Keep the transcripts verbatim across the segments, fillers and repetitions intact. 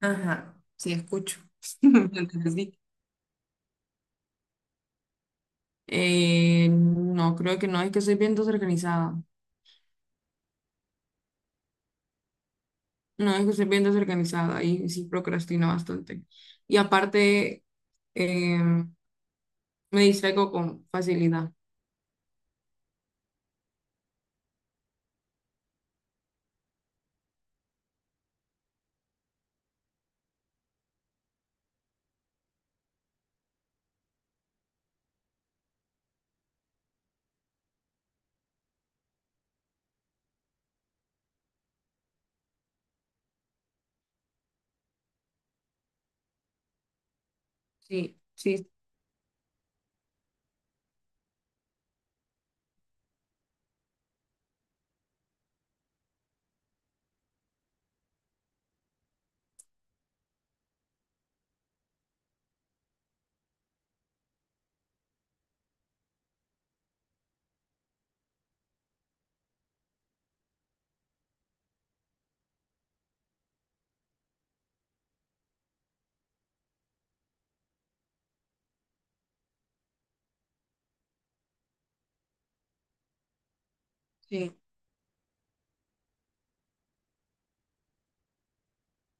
Ajá, sí, escucho. Lo entendí. Eh, no, creo que no. Es que soy bien desorganizada. No, es que soy bien desorganizada y sí procrastino bastante. Y aparte, eh, me distraigo con facilidad. Sí, sí, sí.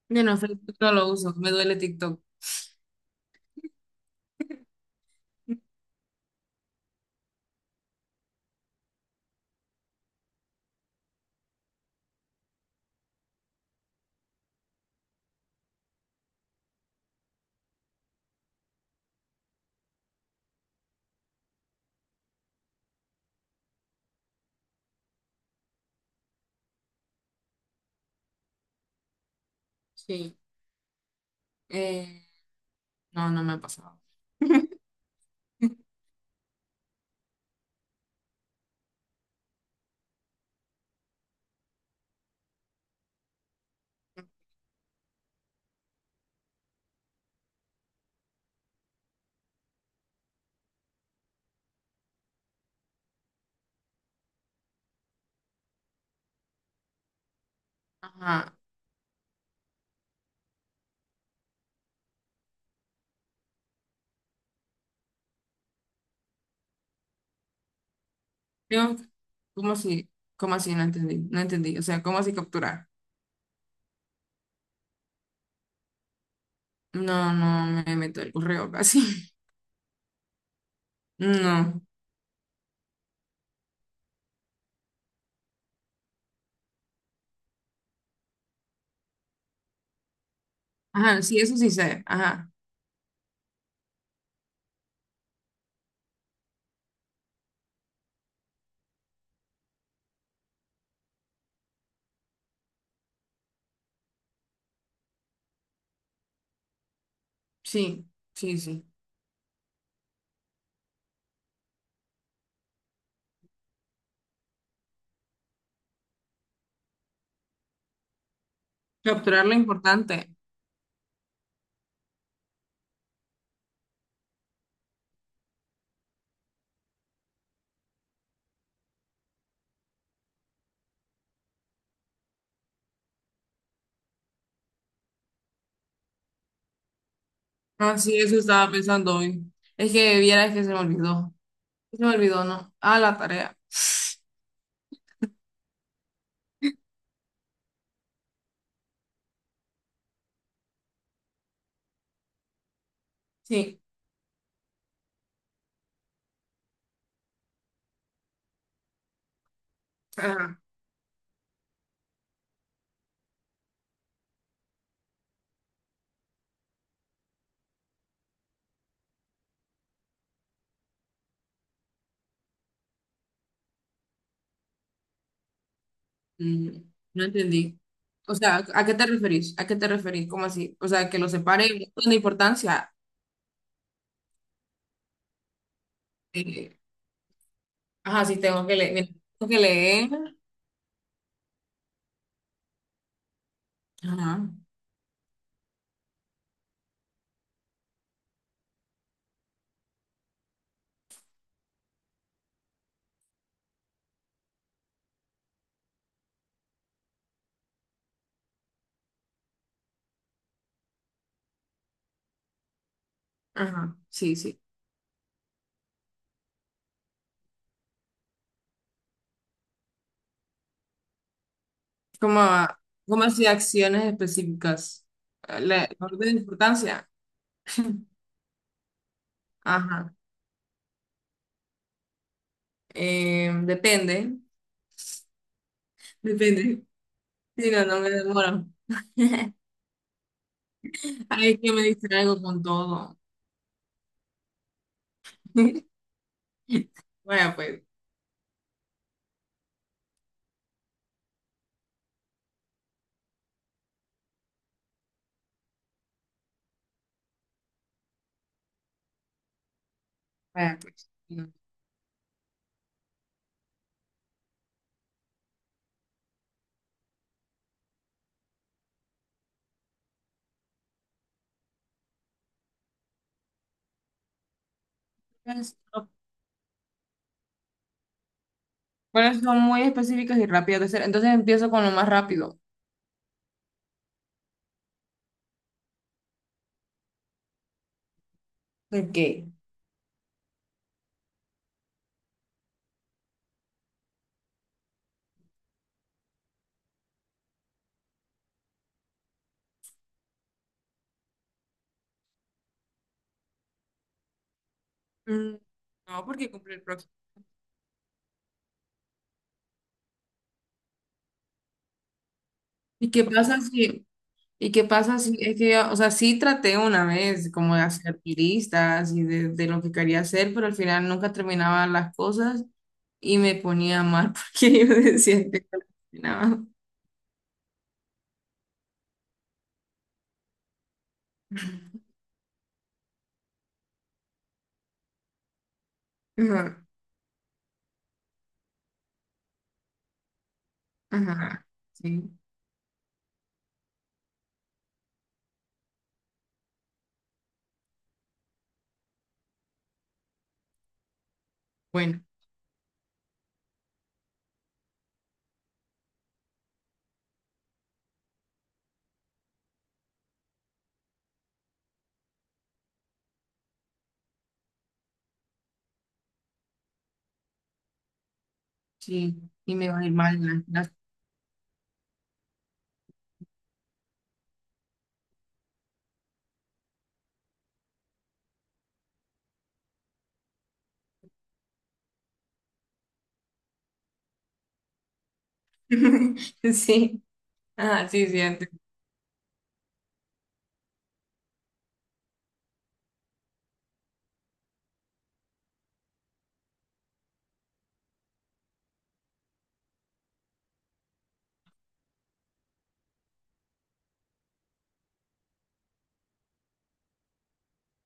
Bueno, Facebook no lo uso, me duele TikTok. Sí. Eh, no, no me ha pasado. Ajá. Yo, ¿cómo así? ¿Cómo así? No entendí, no entendí. O sea, ¿cómo así capturar? No, no me meto el correo casi. No. Ajá, sí, eso sí sé. Ajá, sí, sí, sí. Capturar lo importante. Ah, sí, eso estaba pensando hoy. Es que vieras que se me olvidó. Se me olvidó, ¿no? Ah, la tarea. Sí. Ajá. Mm, no entendí. O sea, ¿a qué te referís? ¿A qué te referís? ¿Cómo así? O sea, que lo separe con importancia. Eh, ajá, sí, tengo que leer. Tengo que leer. Ajá, ajá, sí, sí. Como, como así acciones específicas? La, la orden de importancia. Ajá. Eh, depende. Depende. Si no, no me demoro. Ay, es que me distraigo con todo. Bueno, pues. Bueno, pues. Entonces, pero son muy específicas y rápidas de hacer. Entonces empiezo con lo más rápido. ¿Por qué? Mm, no, porque cumple el próximo. ¿Y qué pasa si, ¿y qué pasa si es que, o sea, sí traté una vez como de hacer listas y de, de lo que quería hacer, pero al final nunca terminaba las cosas y me ponía mal porque yo decía que no terminaba. Ajá, ajá, sí, bueno, sí, y me va a ir mal en las clases. Sí, ajá, sí, sí, antes.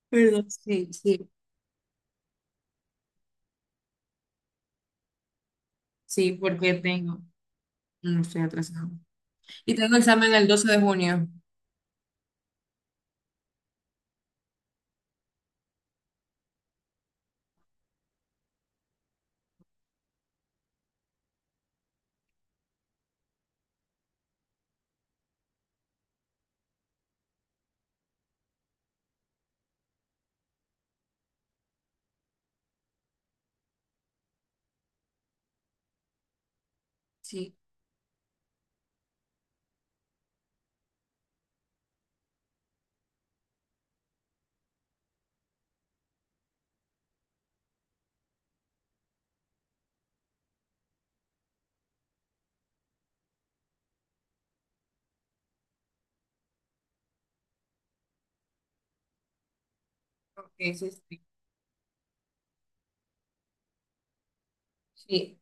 Perdón, sí, sí, sí, porque tengo, no estoy atrasado. Y tengo examen el doce de junio. Sí, ok, sí, sí, sí,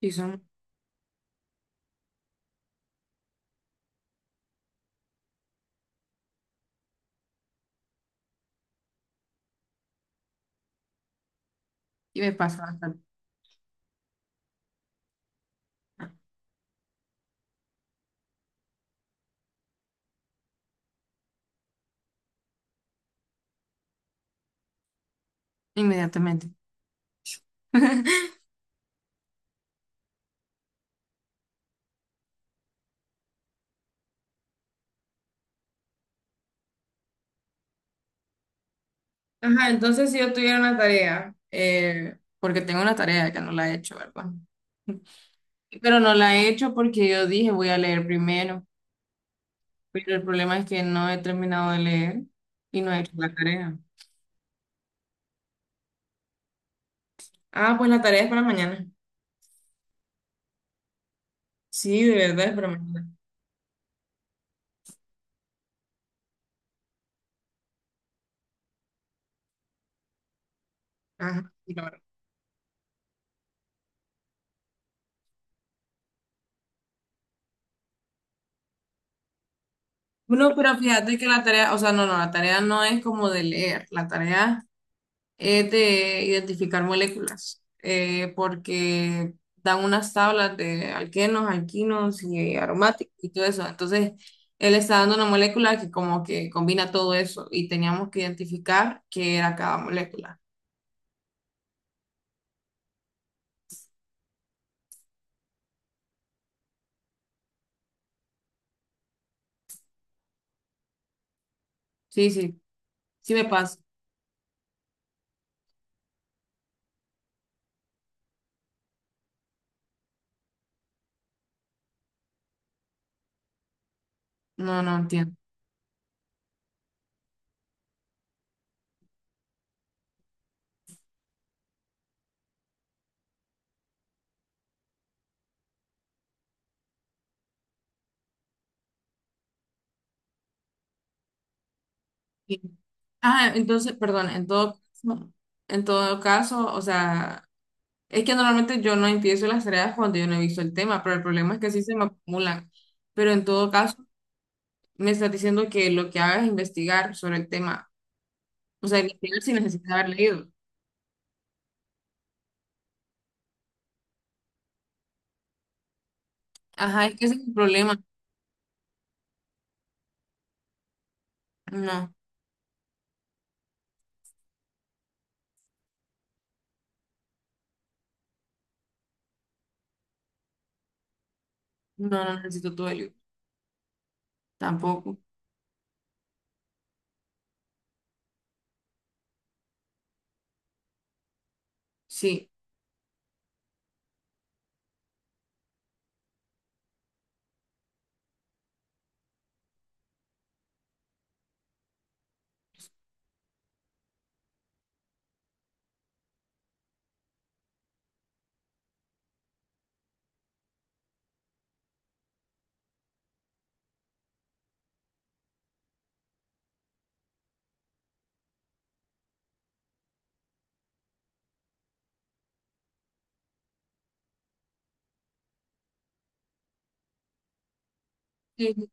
y son, y me pasa bastante. Inmediatamente. Ajá, entonces si yo tuviera una tarea, eh, porque tengo una tarea que no la he hecho, ¿verdad? Pero no la he hecho porque yo dije voy a leer primero. Pero el problema es que no he terminado de leer y no he hecho la tarea. Ah, pues la tarea es para mañana. Sí, de verdad es para mañana. Ajá, sí, claro. No, pero fíjate que la tarea, o sea, no, no, la tarea no es como de leer. La tarea es de identificar moléculas, eh, porque dan unas tablas de alquenos, alquinos y aromáticos y todo eso. Entonces, él está dando una molécula que como que combina todo eso y teníamos que identificar qué era cada molécula. Sí, sí, sí me pasa. No, no entiendo. Sí. Ah, entonces, perdón, en todo, en todo caso, o sea, es que normalmente yo no empiezo las tareas cuando yo no he visto el tema, pero el problema es que sí se me acumulan. Pero en todo caso, me estás diciendo que lo que hagas es investigar sobre el tema. O sea, investigar sin necesidad de haber leído. Ajá, es que ese es el problema. No, no, no necesito tu ayuda. Tampoco. Sí. Sí.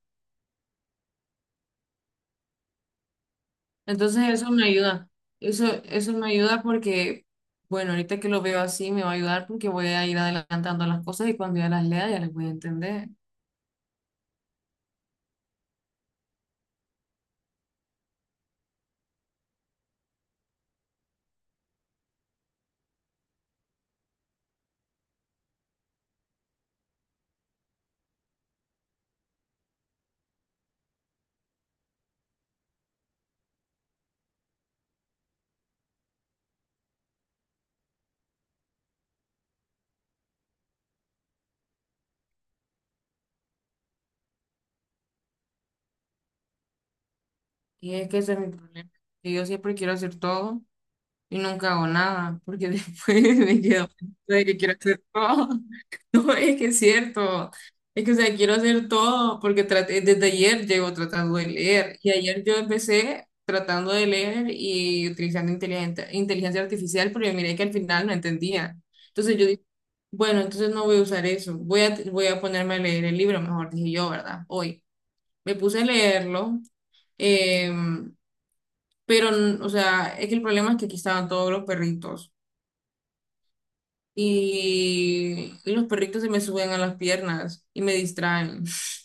Entonces eso me ayuda. Eso, eso me ayuda porque, bueno, ahorita que lo veo así me va a ayudar porque voy a ir adelantando las cosas y cuando ya las lea ya las voy a entender. Y es que ese es mi problema. Que yo siempre quiero hacer todo y nunca hago nada, porque después me quedo pensando de que quiero hacer todo. No, es que es cierto. Es que, o sea, quiero hacer todo, porque traté, desde ayer llevo tratando de leer, y ayer yo empecé tratando de leer y utilizando inteligente- inteligencia artificial, pero yo miré que al final no entendía. Entonces yo dije, bueno, entonces no voy a usar eso, voy a, voy a ponerme a leer el libro, mejor dije yo, ¿verdad? Hoy. Me puse a leerlo, em, pero, o sea, es que el problema es que aquí estaban todos los perritos. y, y los perritos se me suben a las piernas y me distraen.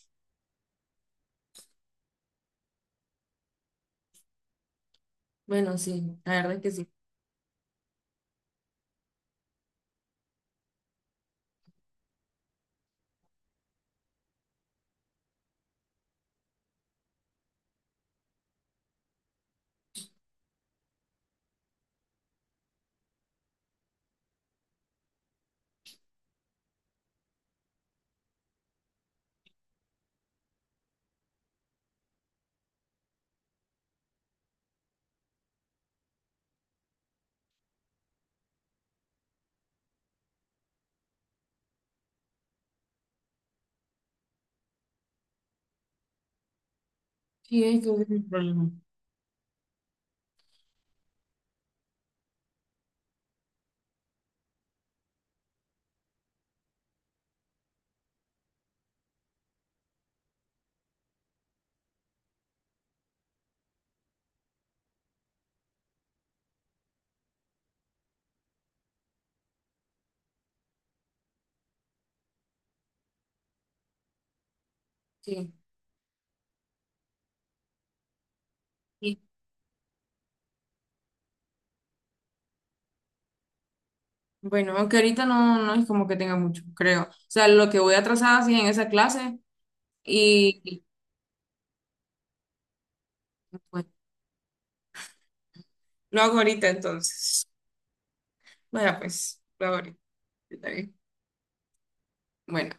Bueno, sí, la verdad es que sí. Sí, es que es el problema. Sí. Sí. Bueno, aunque ahorita no, no es como que tenga mucho, creo. O sea, lo que voy atrasada sí en esa clase y, y, pues, lo hago ahorita entonces. Vaya, pues, lo hago ahorita. Está bien. Bueno.